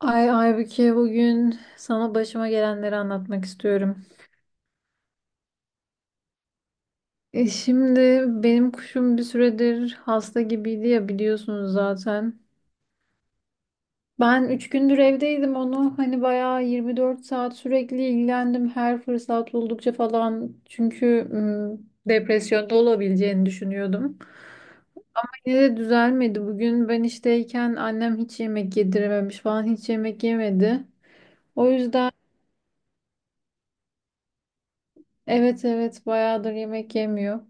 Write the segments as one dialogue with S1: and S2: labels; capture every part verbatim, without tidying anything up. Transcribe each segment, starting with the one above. S1: Ay Aybüke, bugün sana başıma gelenleri anlatmak istiyorum. E şimdi benim kuşum bir süredir hasta gibiydi ya, biliyorsunuz zaten. Ben üç gündür evdeydim, onu hani bayağı yirmi dört saat sürekli ilgilendim, her fırsat buldukça falan. Çünkü mm, depresyonda olabileceğini düşünüyordum. Yine de düzelmedi. Bugün ben işteyken annem hiç yemek yedirememiş falan, hiç yemek yemedi. O yüzden evet evet bayağıdır yemek yemiyor.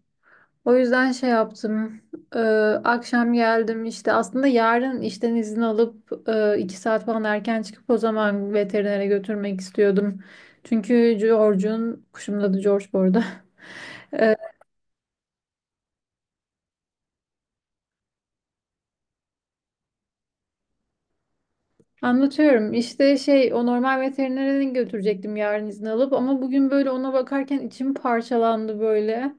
S1: O yüzden şey yaptım. Ee, Akşam geldim işte, aslında yarın işten izin alıp e, iki saat falan erken çıkıp o zaman veterinere götürmek istiyordum. Çünkü George'un, kuşumun adı George bu arada. Ee, Anlatıyorum işte şey, o normal veterinere götürecektim yarın izin alıp, ama bugün böyle ona bakarken içim parçalandı böyle.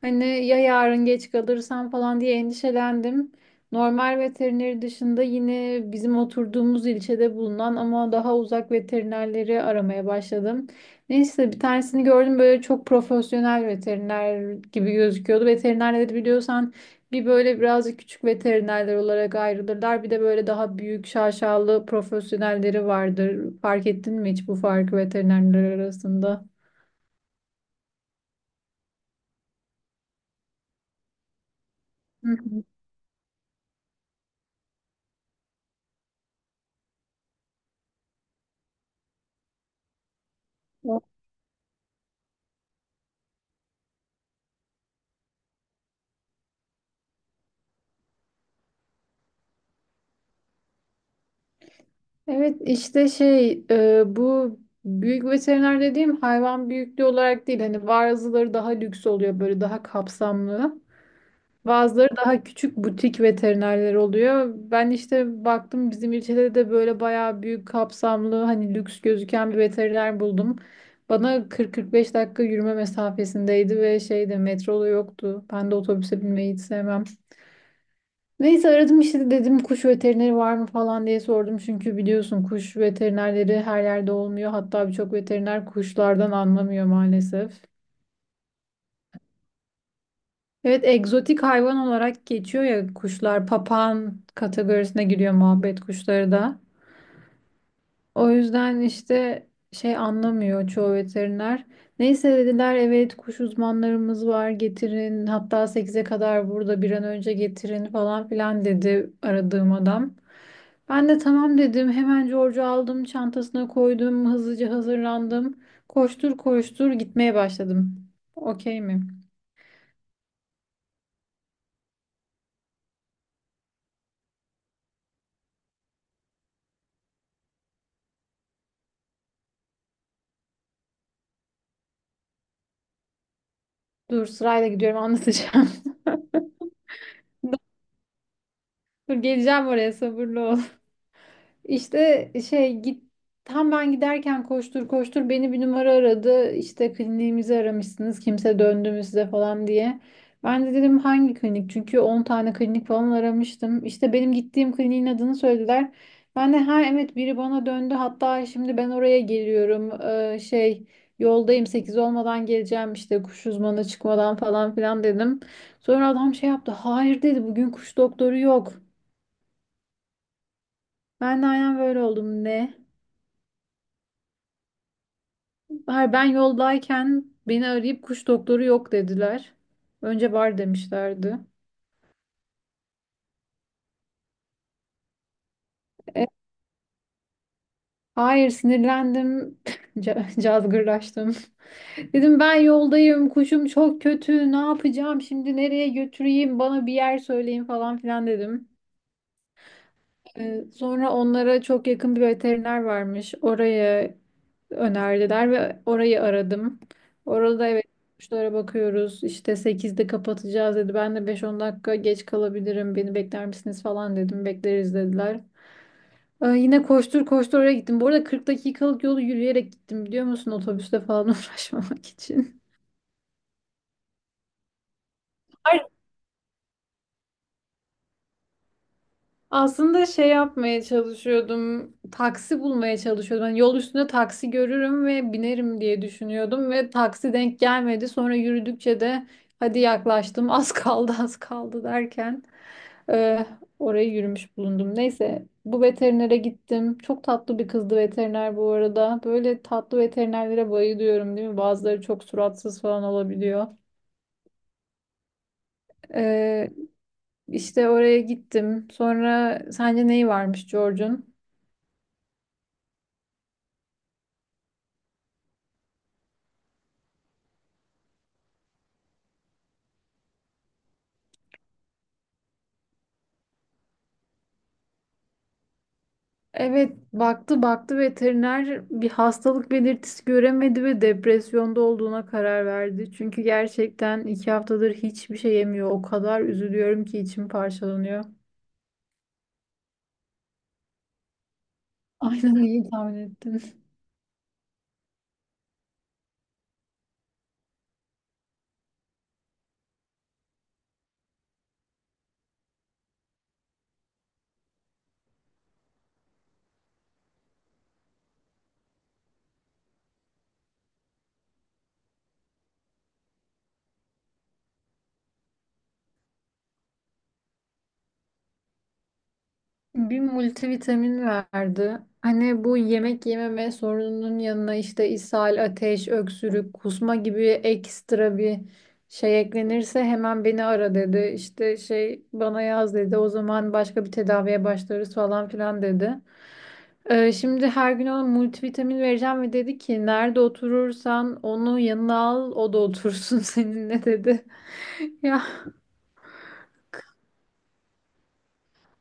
S1: Hani ya yarın geç kalırsam falan diye endişelendim. Normal veterineri dışında yine bizim oturduğumuz ilçede bulunan ama daha uzak veterinerleri aramaya başladım. Neyse bir tanesini gördüm, böyle çok profesyonel veteriner gibi gözüküyordu. Veterinerleri biliyorsan bir böyle birazcık küçük veterinerler olarak ayrılırlar. Bir de böyle daha büyük şaşalı profesyonelleri vardır. Fark ettin mi hiç bu farkı veterinerler arasında? Hı hı. Evet işte şey e, bu büyük veteriner dediğim hayvan büyüklüğü olarak değil, hani bazıları daha lüks oluyor böyle, daha kapsamlı. Bazıları daha küçük butik veterinerler oluyor. Ben işte baktım, bizim ilçede de böyle bayağı büyük kapsamlı, hani lüks gözüken bir veteriner buldum. Bana kırk kırk beş dakika yürüme mesafesindeydi ve şeyde metro yoktu. Ben de otobüse binmeyi hiç sevmem. Neyse aradım işte, dedim kuş veterineri var mı falan diye sordum. Çünkü biliyorsun kuş veterinerleri her yerde olmuyor. Hatta birçok veteriner kuşlardan anlamıyor maalesef. Evet egzotik hayvan olarak geçiyor ya kuşlar. Papağan kategorisine giriyor muhabbet kuşları da. O yüzden işte şey anlamıyor çoğu veteriner. Neyse dediler evet kuş uzmanlarımız var, getirin, hatta sekize kadar burada, bir an önce getirin falan filan dedi aradığım adam. Ben de tamam dedim, hemen George'u aldım, çantasına koydum, hızlıca hazırlandım. Koştur koştur gitmeye başladım. Okey mi? Dur sırayla gidiyorum, anlatacağım. Dur geleceğim oraya, sabırlı ol. İşte şey git, tam ben giderken koştur koştur beni bir numara aradı. İşte kliniğimizi aramışsınız, kimse döndü mü size falan diye. Ben de dedim hangi klinik? Çünkü on tane klinik falan aramıştım. İşte benim gittiğim kliniğin adını söylediler. Ben de ha evet, biri bana döndü. Hatta şimdi ben oraya geliyorum. Ee, şey yoldayım, sekiz olmadan geleceğim, işte kuş uzmanı çıkmadan falan filan dedim. Sonra adam şey yaptı. Hayır dedi, bugün kuş doktoru yok. Ben de aynen böyle oldum, ne? Hayır, ben yoldayken beni arayıp kuş doktoru yok dediler. Önce var demişlerdi. E, hayır, sinirlendim. Ca- Cazgırlaştım. Dedim ben yoldayım. Kuşum çok kötü. Ne yapacağım şimdi? Nereye götüreyim? Bana bir yer söyleyin falan filan dedim. E, sonra onlara çok yakın bir veteriner varmış. Oraya önerdiler ve orayı aradım. Orada evet kuşlara bakıyoruz, İşte sekizde kapatacağız dedi. Ben de beş on dakika geç kalabilirim, beni bekler misiniz falan dedim. Bekleriz dediler. Ee, yine koştur koştur oraya gittim. Bu arada kırk dakikalık yolu yürüyerek gittim biliyor musun? Otobüste falan uğraşmamak için. Aslında şey yapmaya çalışıyordum. Taksi bulmaya çalışıyordum. Hani yol üstünde taksi görürüm ve binerim diye düşünüyordum ve taksi denk gelmedi. Sonra yürüdükçe de hadi yaklaştım, az kaldı, az kaldı derken e, oraya yürümüş bulundum. Neyse bu veterinere gittim. Çok tatlı bir kızdı veteriner bu arada. Böyle tatlı veterinerlere bayılıyorum değil mi? Bazıları çok suratsız falan olabiliyor. E, işte oraya gittim. Sonra sence neyi varmış George'un? Evet, baktı baktı veteriner bir hastalık belirtisi göremedi ve depresyonda olduğuna karar verdi. Çünkü gerçekten iki haftadır hiçbir şey yemiyor. O kadar üzülüyorum ki içim parçalanıyor. Aynen, iyi tahmin ettin. Bir multivitamin verdi. Hani bu yemek yememe sorununun yanına işte ishal, ateş, öksürük, kusma gibi ekstra bir şey eklenirse hemen beni ara dedi. İşte şey bana yaz dedi. O zaman başka bir tedaviye başlarız falan filan dedi. Ee, şimdi her gün ona multivitamin vereceğim ve dedi ki nerede oturursan onu yanına al, o da otursun seninle dedi. Ya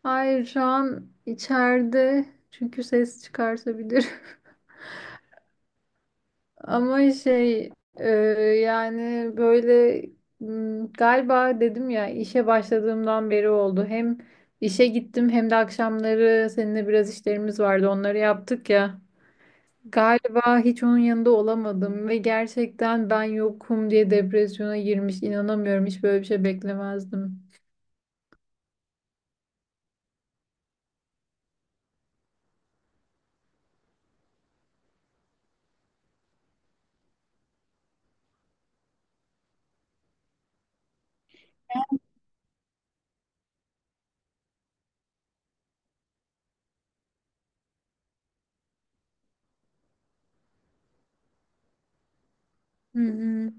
S1: hayır, şu an içeride çünkü ses çıkartabilir. Ama şey e, yani böyle m, galiba dedim ya, işe başladığımdan beri oldu. Hem işe gittim hem de akşamları seninle biraz işlerimiz vardı, onları yaptık ya. Galiba hiç onun yanında olamadım ve gerçekten ben yokum diye depresyona girmiş. İnanamıyorum, hiç böyle bir şey beklemezdim. Hı hı.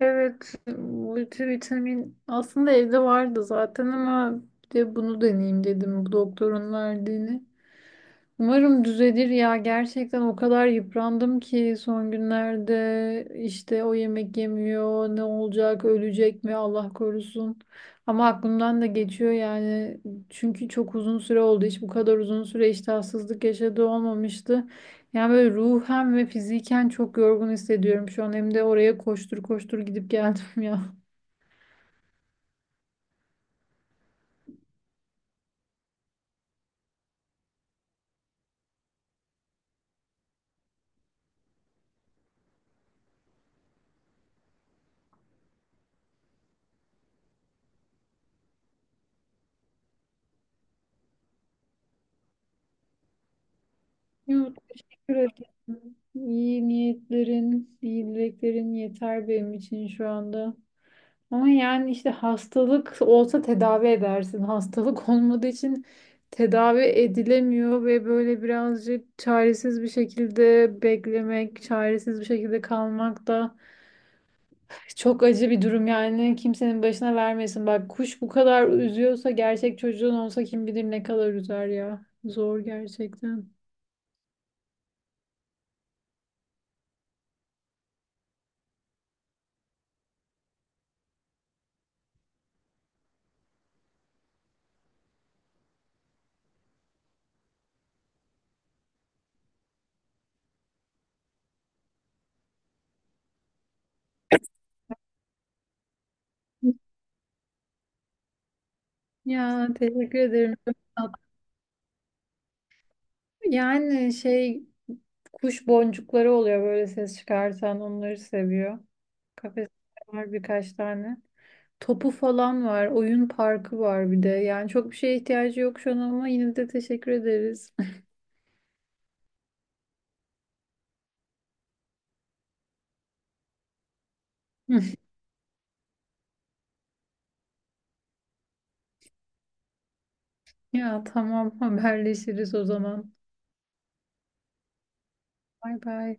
S1: Evet, multivitamin aslında evde vardı zaten ama bir de bunu deneyeyim dedim, bu doktorun verdiğini. Umarım düzelir ya. Gerçekten o kadar yıprandım ki son günlerde, işte o yemek yemiyor, ne olacak, ölecek mi Allah korusun. Ama aklımdan da geçiyor yani. Çünkü çok uzun süre oldu. Hiç bu kadar uzun süre iştahsızlık yaşadığı olmamıştı. Yani böyle ruhen ve fiziken çok yorgun hissediyorum şu an. Hem de oraya koştur koştur gidip geldim ya. Yok, teşekkür ederim. İyi niyetlerin, iyi dileklerin yeter benim için şu anda. Ama yani işte hastalık olsa tedavi edersin. Hastalık olmadığı için tedavi edilemiyor ve böyle birazcık çaresiz bir şekilde beklemek, çaresiz bir şekilde kalmak da çok acı bir durum, yani kimsenin başına vermesin. Bak kuş bu kadar üzüyorsa gerçek çocuğun olsa kim bilir ne kadar üzer ya. Zor gerçekten. Ya teşekkür ederim. Çok tatlı. Yani şey kuş boncukları oluyor böyle ses çıkartan, onları seviyor. Kafes var birkaç tane. Topu falan var. Oyun parkı var bir de. Yani çok bir şeye ihtiyacı yok şu an ama yine de teşekkür ederiz. Ya tamam, haberleşiriz o zaman. Bay bay.